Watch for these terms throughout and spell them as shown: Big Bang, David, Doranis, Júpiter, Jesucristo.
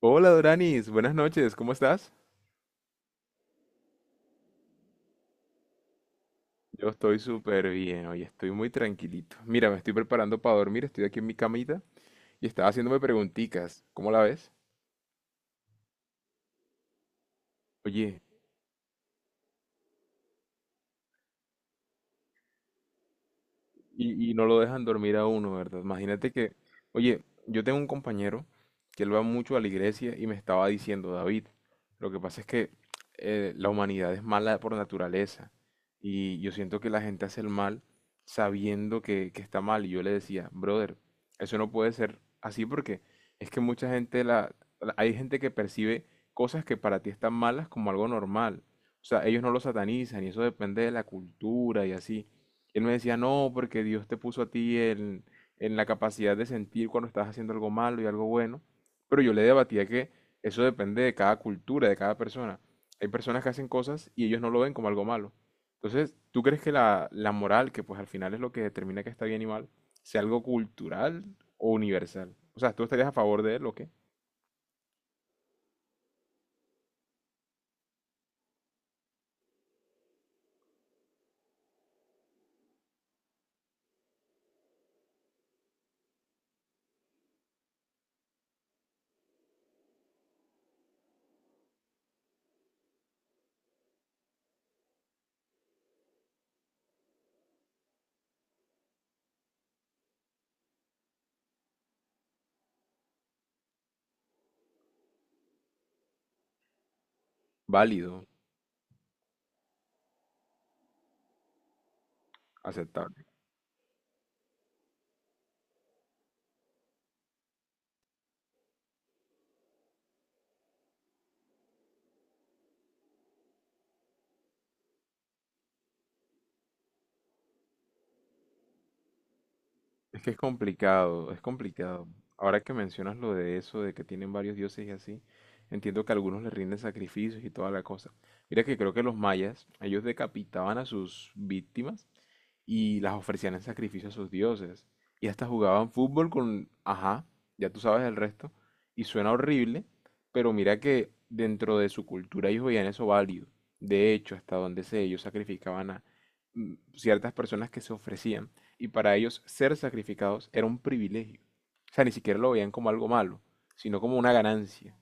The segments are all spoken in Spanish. Hola Doranis, buenas noches, ¿cómo estás? Yo estoy súper bien, hoy estoy muy tranquilito. Mira, me estoy preparando para dormir, estoy aquí en mi camita y estaba haciéndome preguntitas. ¿Cómo la ves? Oye, y no lo dejan dormir a uno, ¿verdad? Imagínate que, oye, yo tengo un compañero que él va mucho a la iglesia y me estaba diciendo, David, lo que pasa es que la humanidad es mala por naturaleza y yo siento que la gente hace el mal sabiendo que está mal. Y yo le decía, brother, eso no puede ser así porque es que mucha gente, hay gente que percibe cosas que para ti están malas como algo normal. O sea, ellos no lo satanizan y eso depende de la cultura y así. Él me decía, no, porque Dios te puso a ti en la capacidad de sentir cuando estás haciendo algo malo y algo bueno. Pero yo le debatía que eso depende de cada cultura, de cada persona. Hay personas que hacen cosas y ellos no lo ven como algo malo. Entonces, ¿tú crees que la moral, que pues al final es lo que determina que está bien y mal, sea algo cultural o universal? O sea, ¿tú estarías a favor de él o qué? Válido, aceptable. Es que es complicado, es complicado. Ahora que mencionas lo de eso, de que tienen varios dioses y así, entiendo que algunos les rinden sacrificios y toda la cosa. Mira que creo que los mayas, ellos decapitaban a sus víctimas y las ofrecían en sacrificio a sus dioses. Y hasta jugaban fútbol con, ajá, ya tú sabes el resto. Y suena horrible, pero mira que dentro de su cultura ellos veían eso válido. De hecho, hasta donde sé, ellos sacrificaban a ciertas personas que se ofrecían. Y para ellos ser sacrificados era un privilegio. O sea, ni siquiera lo veían como algo malo, sino como una ganancia.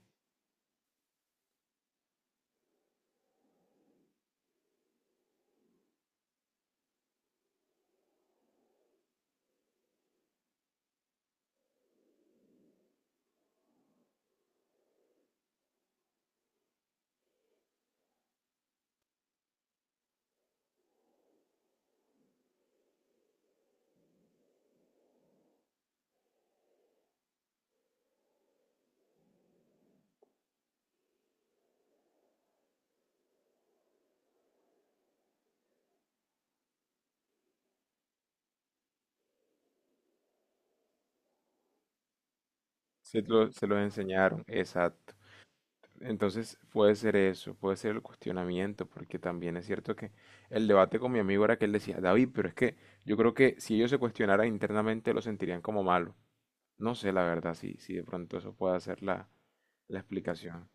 Se los enseñaron, exacto. Entonces puede ser eso, puede ser el cuestionamiento, porque también es cierto que el debate con mi amigo era que él decía, David, pero es que yo creo que si ellos se cuestionaran internamente lo sentirían como malo. No sé, la verdad, si de pronto eso puede ser la explicación.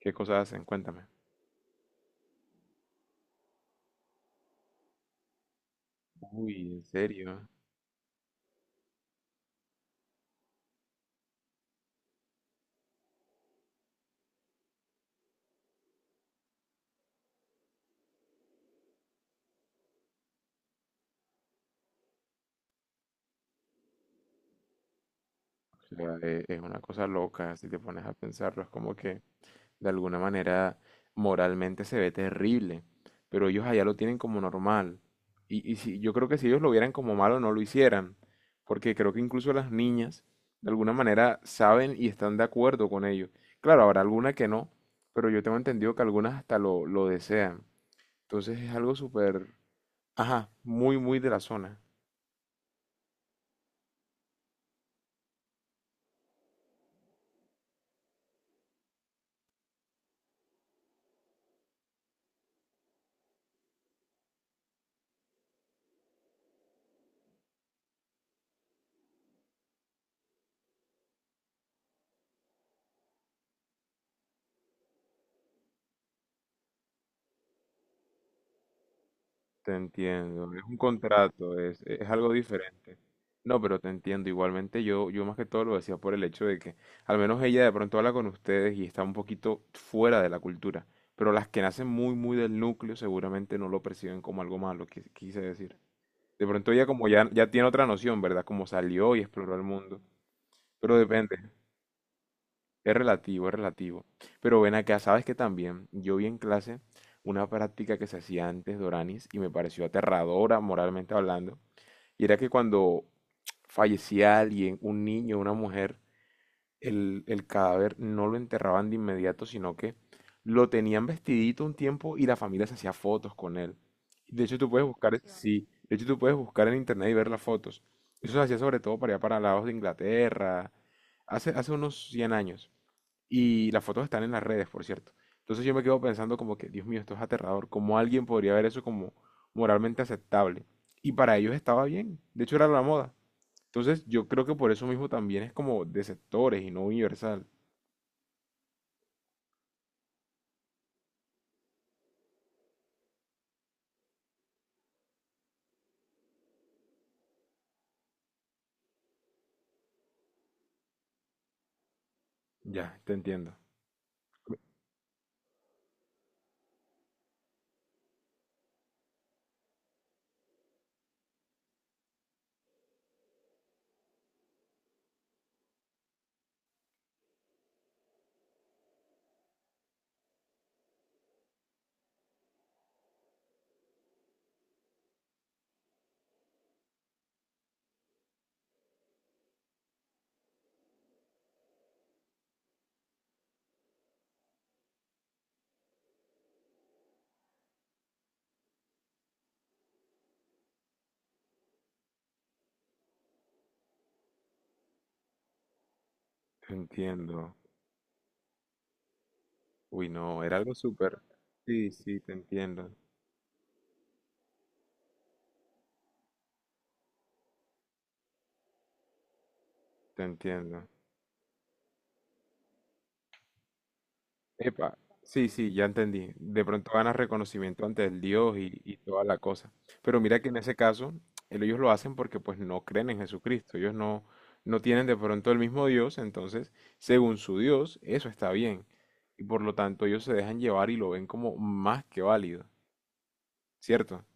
¿Qué cosas hacen? Cuéntame. Uy, ¿en serio? O sea, es una cosa loca, si te pones a pensarlo, es como que de alguna manera moralmente se ve terrible, pero ellos allá lo tienen como normal. Y si, yo creo que si ellos lo vieran como malo no lo hicieran, porque creo que incluso las niñas de alguna manera saben y están de acuerdo con ello. Claro, habrá alguna que no, pero yo tengo entendido que algunas hasta lo desean. Entonces es algo súper, ajá, muy, muy de la zona. Te entiendo, es un contrato, es algo diferente. No, pero te entiendo, igualmente yo más que todo lo decía por el hecho de que al menos ella de pronto habla con ustedes y está un poquito fuera de la cultura, pero las que nacen muy, muy del núcleo seguramente no lo perciben como algo malo, quise decir. De pronto ella como ya tiene otra noción, ¿verdad? Como salió y exploró el mundo, pero depende. Es relativo, es relativo. Pero ven acá, sabes que también yo vi en clase una práctica que se hacía antes doranis, y me pareció aterradora moralmente hablando. Y era que cuando fallecía alguien, un niño, una mujer, el cadáver no lo enterraban de inmediato, sino que lo tenían vestidito un tiempo y la familia se hacía fotos con él. De hecho, tú puedes buscar, sí, de hecho, tú puedes buscar en internet y ver las fotos. Eso se hacía sobre todo para allá para lados de Inglaterra, hace unos 100 años. Y las fotos están en las redes, por cierto. Entonces yo me quedo pensando como que, Dios mío, esto es aterrador. ¿Cómo alguien podría ver eso como moralmente aceptable? Y para ellos estaba bien. De hecho, era la moda. Entonces yo creo que por eso mismo también es como de sectores y no universal. Ya, te entiendo. Te entiendo. Uy, no, era algo súper. Sí, sí, te entiendo. Te entiendo. Epa, sí, sí, ya entendí. De pronto ganas reconocimiento ante el Dios y toda la cosa. Pero mira que en ese caso, ellos lo hacen porque pues no creen en Jesucristo. Ellos no, no tienen de pronto el mismo Dios, entonces, según su Dios, eso está bien. Y por lo tanto, ellos se dejan llevar y lo ven como más que válido, ¿cierto?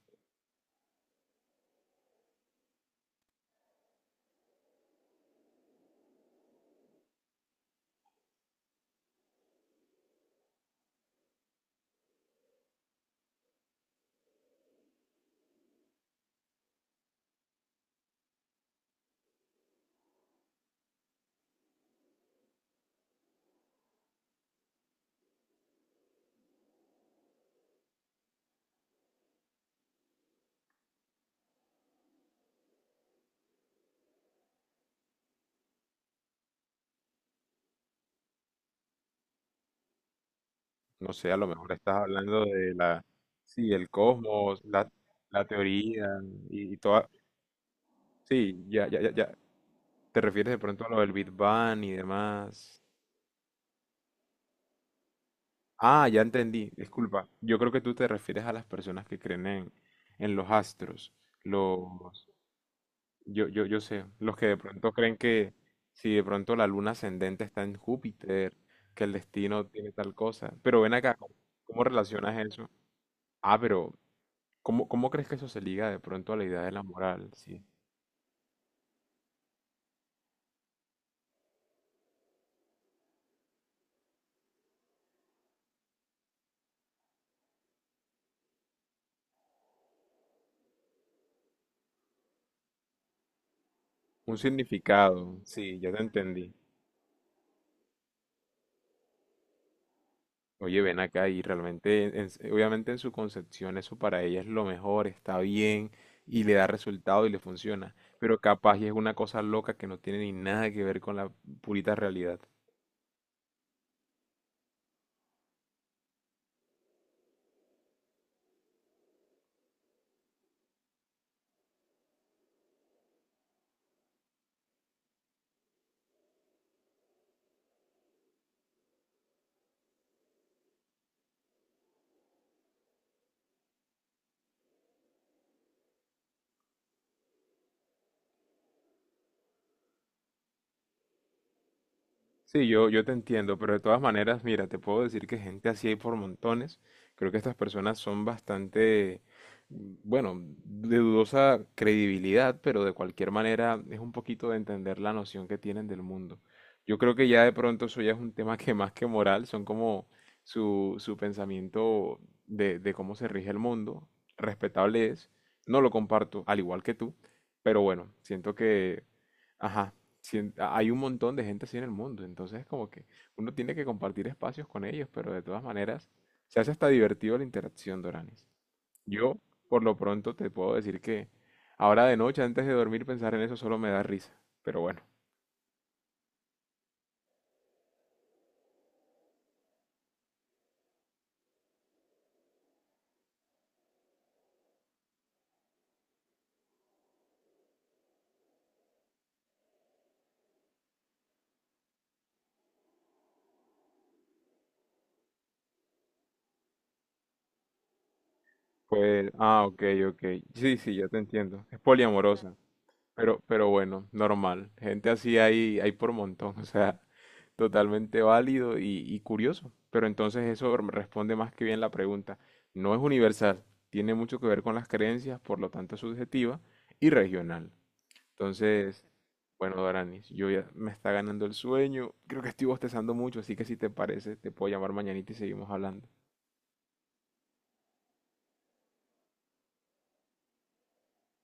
No sé, a lo mejor estás hablando de la, sí, el cosmos, la teoría y toda... Sí, ya. ¿Te refieres de pronto a lo del Big Bang y demás? Ah, ya entendí, disculpa. Yo creo que tú te refieres a las personas que creen en los astros, los, yo sé, los que de pronto creen que si de pronto la luna ascendente está en Júpiter, que el destino tiene tal cosa. Pero ven acá, ¿cómo, cómo relacionas eso? Ah, pero ¿cómo, cómo crees que eso se liga de pronto a la idea de la moral? Sí. Un significado, sí, ya te entendí. Oye, ven acá y realmente, obviamente en su concepción eso para ella es lo mejor, está bien y le da resultado y le funciona, pero capaz y es una cosa loca que no tiene ni nada que ver con la purita realidad. Sí, yo te entiendo, pero de todas maneras, mira, te puedo decir que gente así hay por montones. Creo que estas personas son bastante, bueno, de dudosa credibilidad, pero de cualquier manera es un poquito de entender la noción que tienen del mundo. Yo creo que ya de pronto eso ya es un tema que más que moral, son como su pensamiento de cómo se rige el mundo. Respetable es, no lo comparto, al igual que tú, pero bueno, siento que... Ajá, hay un montón de gente así en el mundo, entonces como que uno tiene que compartir espacios con ellos, pero de todas maneras se hace hasta divertido la interacción, Doranis. Yo, por lo pronto, te puedo decir que ahora de noche, antes de dormir, pensar en eso solo me da risa, pero bueno, pues, ah, ok, ok, sí, sí, ya te entiendo, es poliamorosa. Pero bueno, normal. Gente así hay, hay por montón, o sea, totalmente válido y curioso. Pero entonces eso responde más que bien la pregunta. No es universal, tiene mucho que ver con las creencias, por lo tanto es subjetiva y regional. Entonces, bueno, Doranis, yo ya me está ganando el sueño. Creo que estoy bostezando mucho, así que si te parece, te puedo llamar mañanita y seguimos hablando.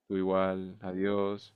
Tú igual, adiós.